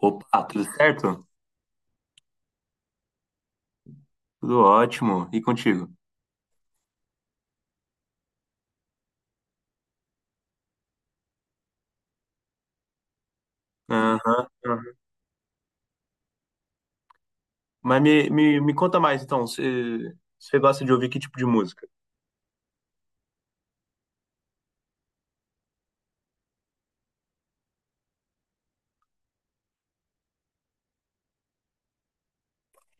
Opa, tudo certo? Tudo ótimo. E contigo? Aham, aham. Mas me conta mais, então. Você gosta de ouvir que tipo de música?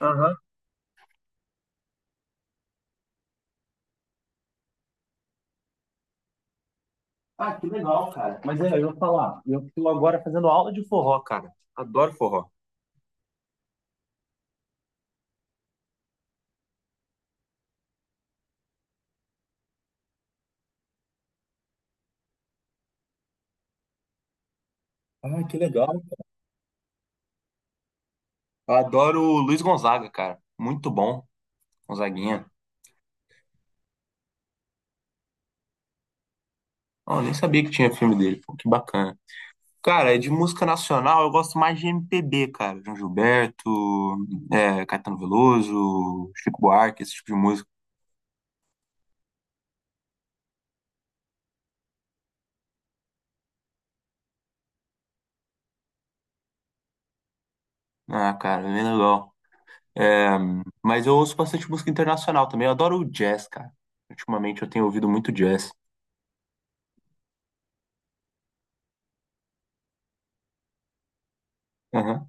Aham. Ah, que legal, cara. Mas é, eu vou falar. Eu estou agora fazendo aula de forró, cara. Adoro forró. Ah, que legal. Adoro o Luiz Gonzaga, cara. Muito bom, Gonzaguinha. Oh, nem sabia que tinha filme dele. Pô, que bacana. Cara, de música nacional, eu gosto mais de MPB, cara. João Gilberto, é, Caetano Veloso, Chico Buarque, esse tipo de música. Ah, cara, bem legal. É, mas eu ouço bastante música internacional também. Eu adoro o jazz, cara. Ultimamente eu tenho ouvido muito jazz. Aham,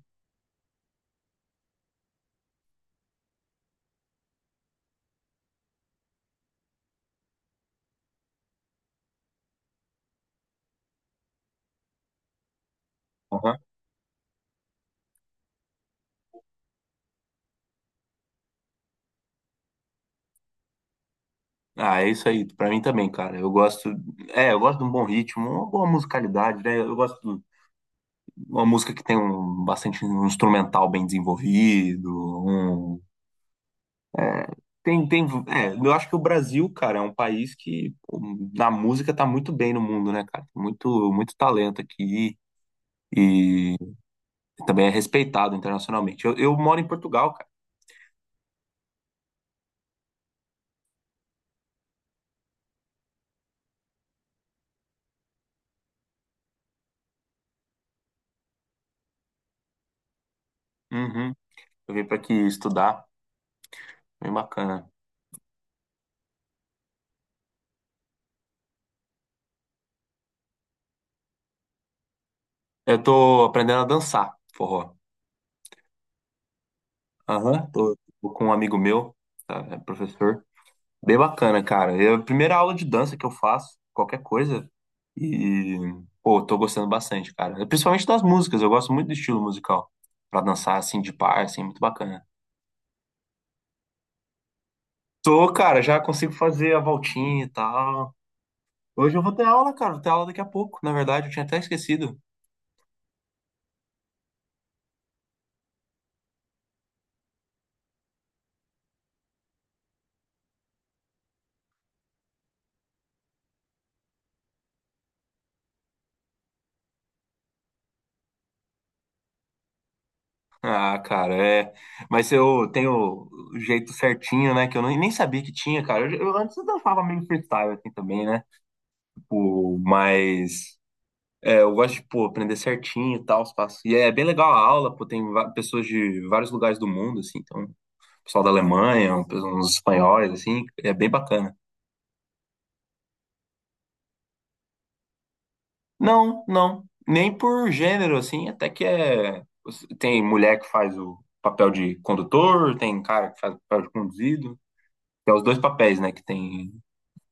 aham. Ah, é isso aí. Pra mim também, cara. Eu gosto. É, eu gosto de um bom ritmo, uma boa musicalidade, né? Eu gosto de uma música que tem um bastante um instrumental bem desenvolvido. um- é, tem. É, eu acho que o Brasil, cara, é um país que pô, na música tá muito bem no mundo, né, cara? Muito, muito talento aqui. E E também é respeitado internacionalmente. Eu moro em Portugal, cara. Uhum. Eu vim pra aqui estudar. Bem bacana. Eu tô aprendendo a dançar forró. Aham. Tô com um amigo meu, tá, é professor. Bem bacana, cara. É a primeira aula de dança que eu faço, qualquer coisa. E, pô, tô gostando bastante, cara. É principalmente das músicas. Eu gosto muito do estilo musical. Pra dançar, assim, de par, assim, muito bacana. Tô, cara, já consigo fazer a voltinha e tal. Hoje eu vou ter aula, cara. Vou ter aula daqui a pouco. Na verdade, eu tinha até esquecido. Ah, cara, é. Mas eu tenho o jeito certinho, né? Que eu nem sabia que tinha, cara. Eu antes eu dançava meio freestyle assim também, né? Tipo, mas é, eu gosto de, pô, aprender certinho e tal, os passos. E é bem legal a aula, pô, pessoas de vários lugares do mundo, assim. Então, pessoal da Alemanha, uns espanhóis, assim, é bem bacana. Não, não. Nem por gênero, assim, até que é. Tem mulher que faz o papel de condutor, tem cara que faz o papel de conduzido. Tem os dois papéis, né? Que tem.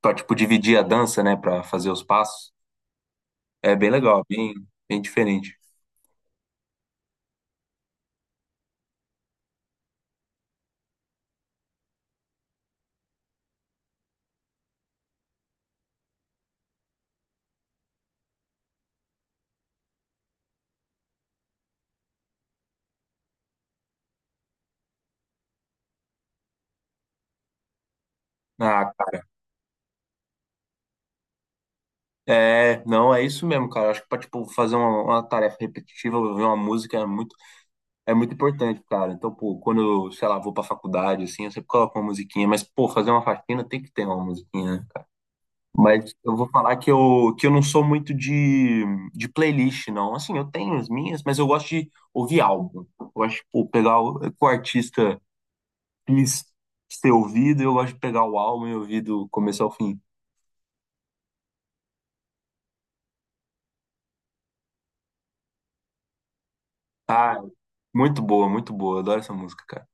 Pra, tipo, dividir a dança, né? Pra fazer os passos. É bem legal, bem, bem diferente. Ah, cara, é, não, é isso mesmo, cara. Acho que pra, tipo, fazer uma tarefa repetitiva, ouvir uma música é muito importante, cara. Então, pô, quando eu, sei lá, vou pra faculdade, assim, eu sempre coloco uma musiquinha, mas, pô, fazer uma faxina tem que ter uma musiquinha, né? Mas eu vou falar que que eu não sou muito de playlist, não. Assim, eu tenho as minhas, mas eu gosto de ouvir álbum. Eu gosto de pô, pegar o que o artista quis ser ouvido, eu gosto de pegar o álbum e ouvir do começo ao fim. Ah, muito boa, muito boa. Eu adoro essa música, cara.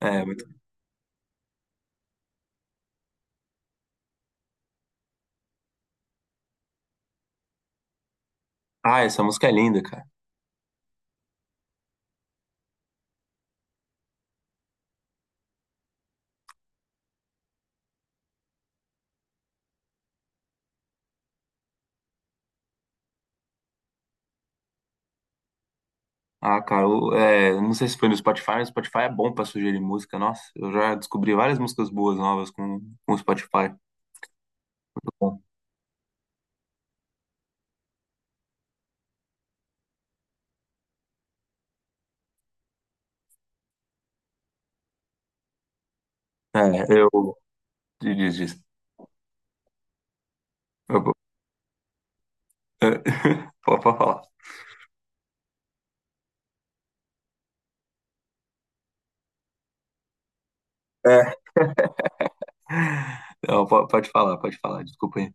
É, ah, essa música é linda, cara. Ah, cara, eu, é, não sei se foi no Spotify, mas o Spotify é bom pra sugerir música. Nossa, eu já descobri várias músicas boas novas com o Spotify. Então, é, eu. Diz, diz. Pode falar. É, Não, po- pode falar, desculpa aí.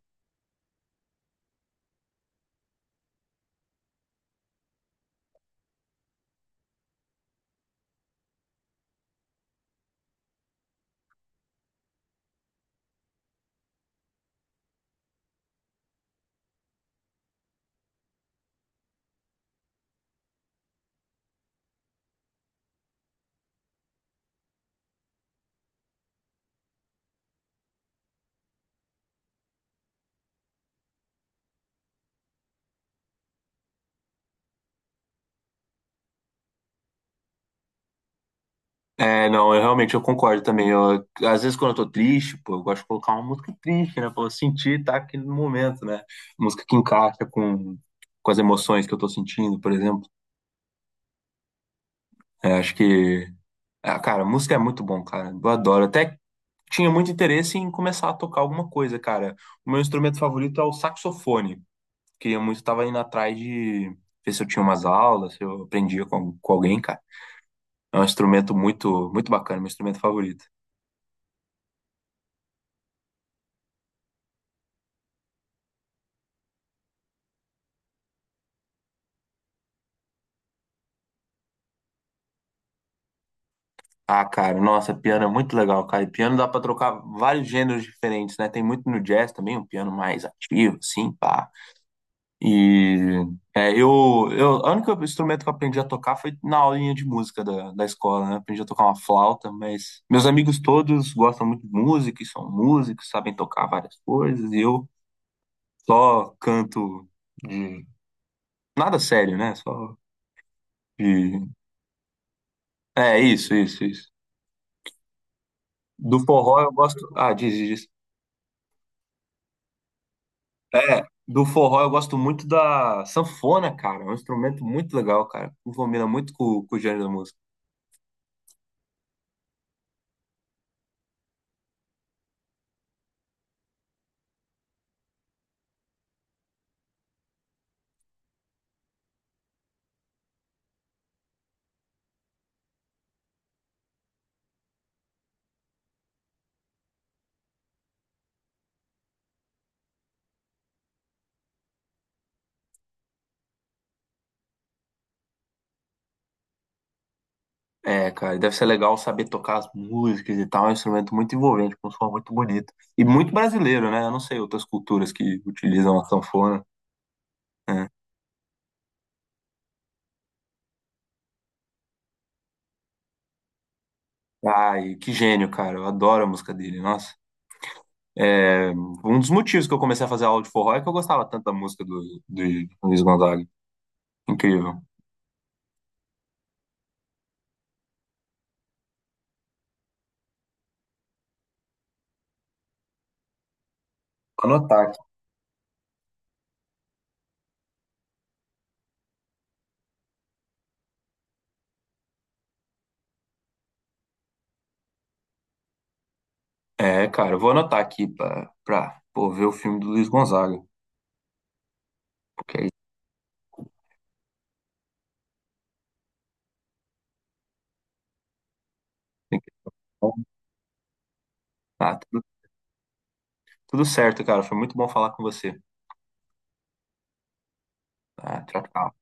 É, não, eu realmente eu concordo também. Eu, às vezes quando eu tô triste, pô, eu gosto de colocar uma música triste, né? Pra eu sentir, tá aquele momento, né? Música que encaixa com as emoções que eu tô sentindo, por exemplo. É, acho que, ah, cara, música é muito bom, cara. Eu adoro. Até tinha muito interesse em começar a tocar alguma coisa, cara. O meu instrumento favorito é o saxofone. Queria muito, tava indo atrás de ver se eu tinha umas aulas, se eu aprendia com alguém, cara. É um instrumento muito, muito bacana, meu instrumento favorito. Ah, cara, nossa, piano é muito legal, cara. E piano dá pra trocar vários gêneros diferentes, né? Tem muito no jazz também, um piano mais ativo, assim, pá. E é, o único instrumento que eu aprendi a tocar foi na aulinha de música da, da escola, né? Aprendi a tocar uma flauta, mas meus amigos todos gostam muito de música e são músicos, sabem tocar várias coisas, e eu só canto de nada sério, né? Só de. É, isso, isso, isso. Do forró eu gosto. Ah, diz, diz. É, do forró eu gosto muito da sanfona, cara. É um instrumento muito legal, cara. Combina muito com o gênero da música. É, cara, deve ser legal saber tocar as músicas e tal. É um instrumento muito envolvente, com um som muito bonito. E muito brasileiro, né? Eu não sei outras culturas que utilizam a sanfona. Né? Ai, que gênio, cara. Eu adoro a música dele, nossa. É, um dos motivos que eu comecei a fazer aula de forró é que eu gostava tanto da música do Luiz Gonzaga. Incrível. Anotar Cara, eu vou anotar aqui pra pô, ver o filme do Luiz Gonzaga. Porque aí tem que. Ah, tudo, tudo certo, cara. Foi muito bom falar com você. Ah, tchau, tchau.